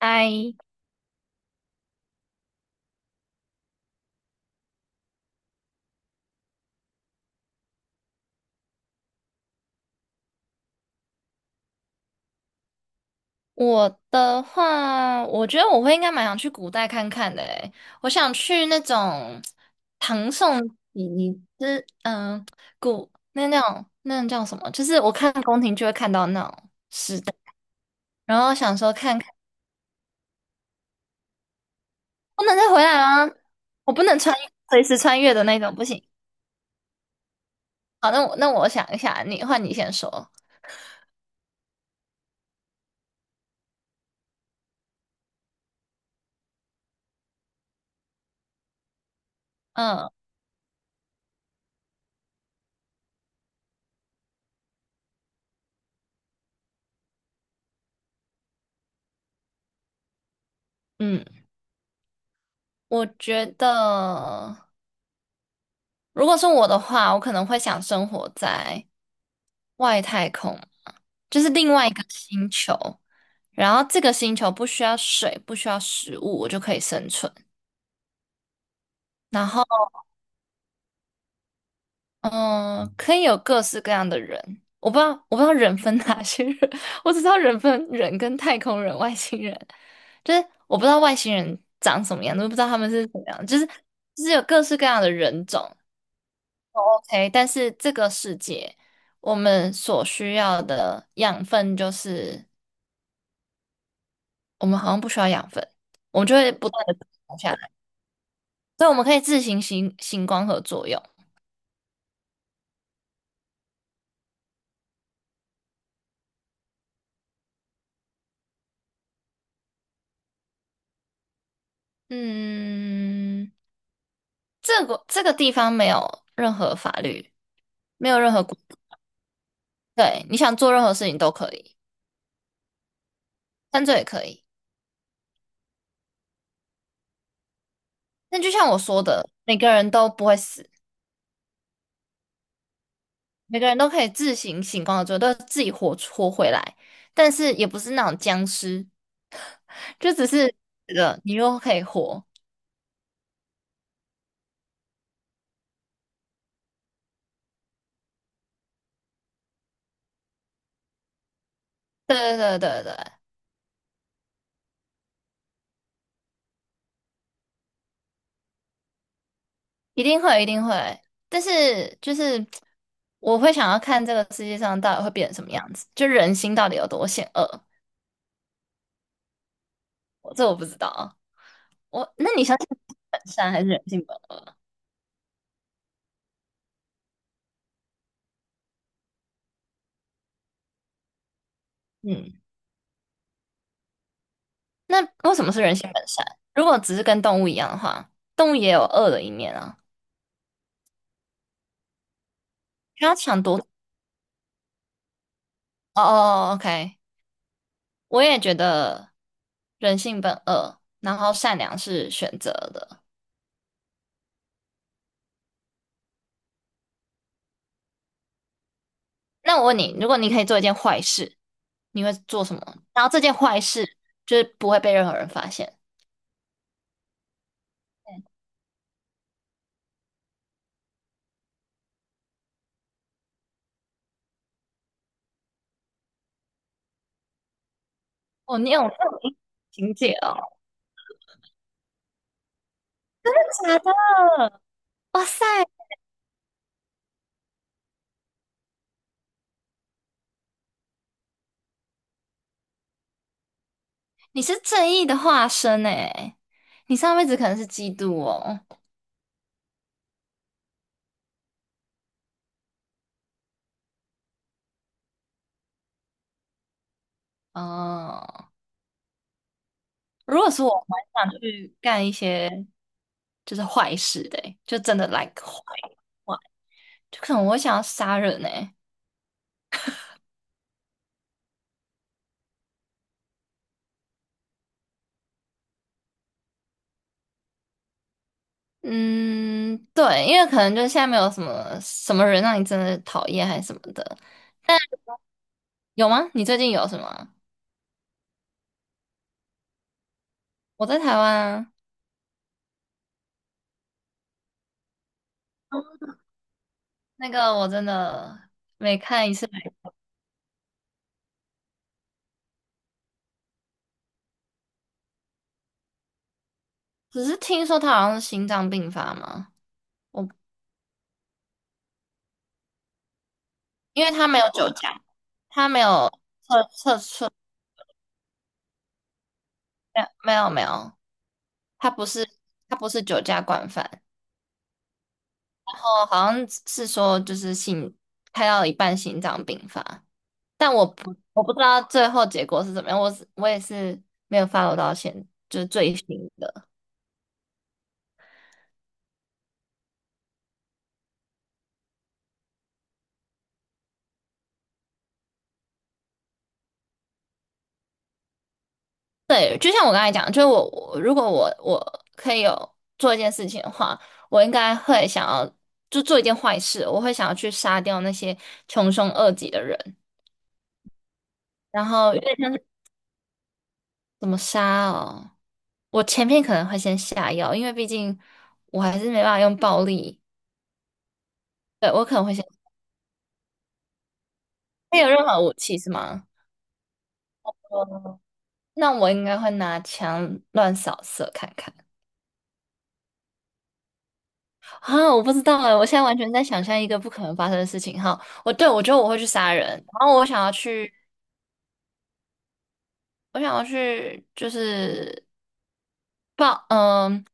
哎，我的话，我觉得我会应该蛮想去古代看看的诶。我想去那种唐宋以以之嗯古那种叫什么？就是我看宫廷就会看到那种时代，然后想说看看不能再回来啦，我不能随时穿越的那种，不行。好，那我想一下，你换你先说。嗯嗯，我觉得。如果是我的话，我可能会想生活在外太空，就是另外一个星球。然后这个星球不需要水，不需要食物，我就可以生存。然后，嗯，可以有各式各样的人。我不知道，我不知道人分哪些人，我只知道人分人跟太空人、外星人。就是我不知道外星人长什么样子，我不知道他们是怎么样，就是有各式各样的人种。哎，但是这个世界，我们所需要的养分就是，我们好像不需要养分，我们就会不断的下来，所以我们可以自行光合作用。嗯，这个这个地方没有任何法律，没有任何规定。对，你想做任何事情都可以，犯罪也可以。但就像我说的，每个人都不会死，每个人都可以自行光合作用，都自己活回来，但是也不是那种僵尸。就只是觉得你又可以活。对对对对对，一定会一定会。但是就是我会想要看这个世界上到底会变成什么样子，就人心到底有多险恶，我不知道。啊。那你想本善还是人性本恶？嗯，那为什么是人性本善？如果只是跟动物一样的话，动物也有恶的一面啊。不要夺。哦哦哦，OK，我也觉得人性本恶，然后善良是选择的。那我问你，如果你可以做一件坏事，你会做什么？然后这件坏事就是不会被任何人发现。哦，你有这种阴情节哦？真的假的？哇塞，你是正义的化身诶，你上辈子可能是基督哦。哦，如果是我，我蛮想去干一些就是坏事的欸就真的 like 坏坏，就可能我会想要杀人呢。嗯，对，因为可能就是现在没有什么什么人让你真的讨厌还是什么的，但有吗？你最近有什么啊？我在台湾啊，那个我真的每看一次，只是听说他好像是心脏病发嘛。我因为他没有酒驾，他没有测测出，没有没有，他不是他不是酒驾惯犯，然后好像是说就是心开到一半心脏病发，但我不知道最后结果是怎么样，我也是没有 follow 到现，就是最新的。对，就像我刚才讲，就是我如果我可以有做一件事情的话，我应该会想要就做一件坏事，我会想要去杀掉那些穷凶恶极的人，然后有点像是怎么杀哦，我前面可能会先下药，因为毕竟我还是没办法用暴力。对，我可能会先，没有任何武器是吗？那我应该会拿枪乱扫射看看。啊！我不知道哎，我现在完全在想象一个不可能发生的事情哈。我对我觉得我会去杀人，然后我想要去，我想要去就是报嗯、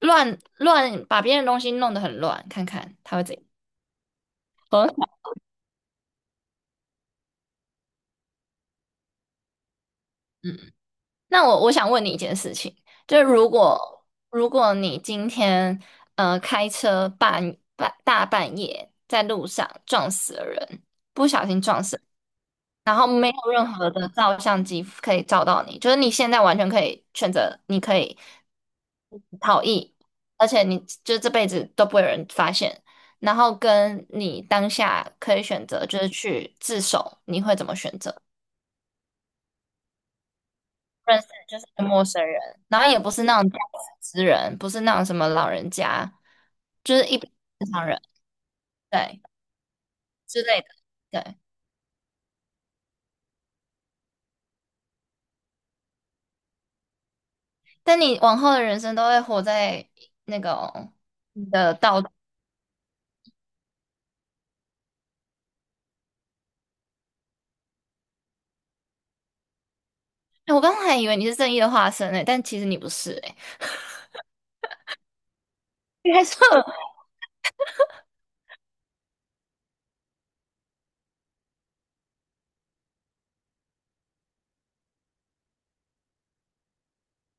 乱乱把别人的东西弄得很乱，看看他会怎样。很好，嗯，那我想问你一件事情，就是如果你今天开车大半夜在路上撞死了人，不小心撞死。然后没有任何的照相机可以照到你，就是你现在完全可以选择，你可以逃逸，而且你就这辈子都不会有人发现。然后跟你当下可以选择，就是去自首，你会怎么选择？认识就是一个陌生人，然后也不是那种驾驶之人，不是那种什么老人家，就是一般正常人，对之类的，对。但你往后的人生都会活在那种你的道。我刚才还以为你是正义的化身诶，但其实你不是诶，你还说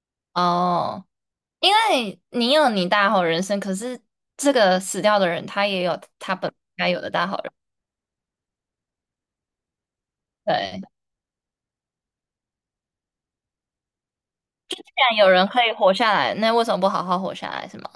哦，因为你有你大好人生，可是这个死掉的人他也有他本该有的大好人生。对，既然有人可以活下来，那为什么不好好活下来，是吗？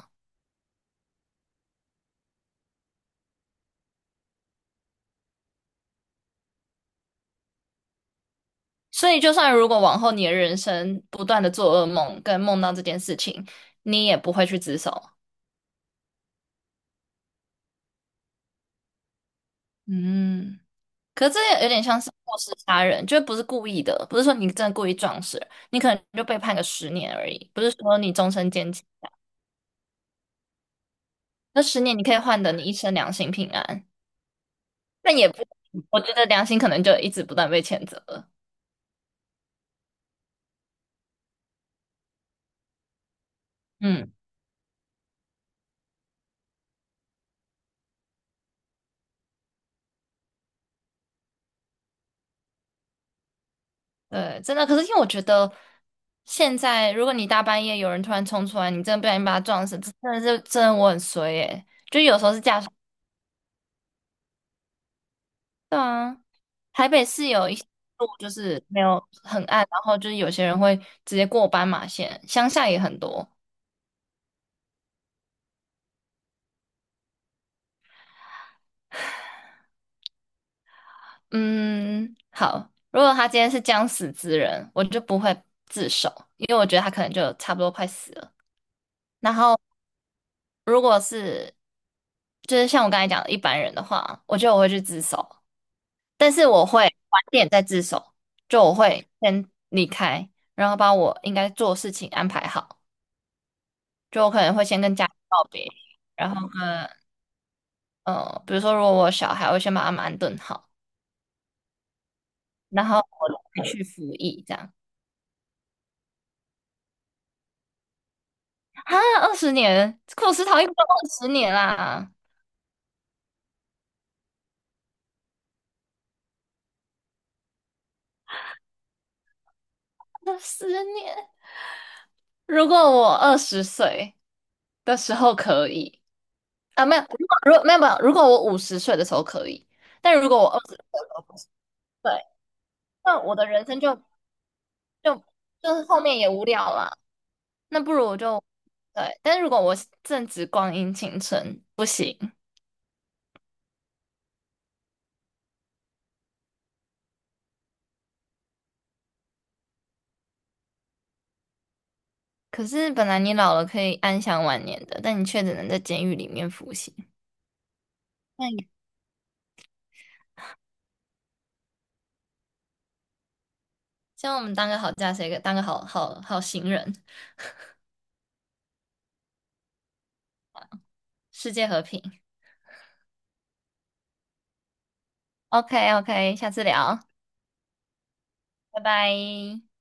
所以，就算如果往后你的人生不断的做噩梦，跟梦到这件事情，你也不会去自首。嗯，可是这也有点像是过失杀人，就不是故意的，不是说你真的故意撞死人你可能就被判个十年而已，不是说你终身监禁。那十年你可以换得你一生良心平安，但也不，我觉得良心可能就一直不断被谴责了。嗯，对，真的。可是因为我觉得现在，如果你大半夜有人突然冲出来，你真的不小心把他撞死，这真的是真的我很衰耶。就有时候是驾驶，对啊，台北市有一些路就是没有很暗，然后就是有些人会直接过斑马线，乡下也很多。嗯，好。如果他今天是将死之人，我就不会自首，因为我觉得他可能就差不多快死了。然后，如果是就是像我刚才讲的一般人的话，我觉得我会去自首，但是我会晚点再自首，就我会先离开，然后把我应该做的事情安排好，就我可能会先跟家人告别，然后跟呃，比如说如果我有小孩，我会先把他们安顿好，然后我再去服役这样。啊，二十年，库斯陶应都二十年啦，二十年。如果我二十岁的时候可以，啊，没有，如果没有，如果我50岁的时候可以，但如果我二十岁的时候不行，对，那我的人生就就是后面也无聊了。那不如我就对，但如果我正值光阴青春，不行。可是本来你老了可以安享晚年的，但你却只能在监狱里面服刑。那也希望我们当个好驾驶，一个当个好行人。世界和平。OK OK，下次聊，拜拜。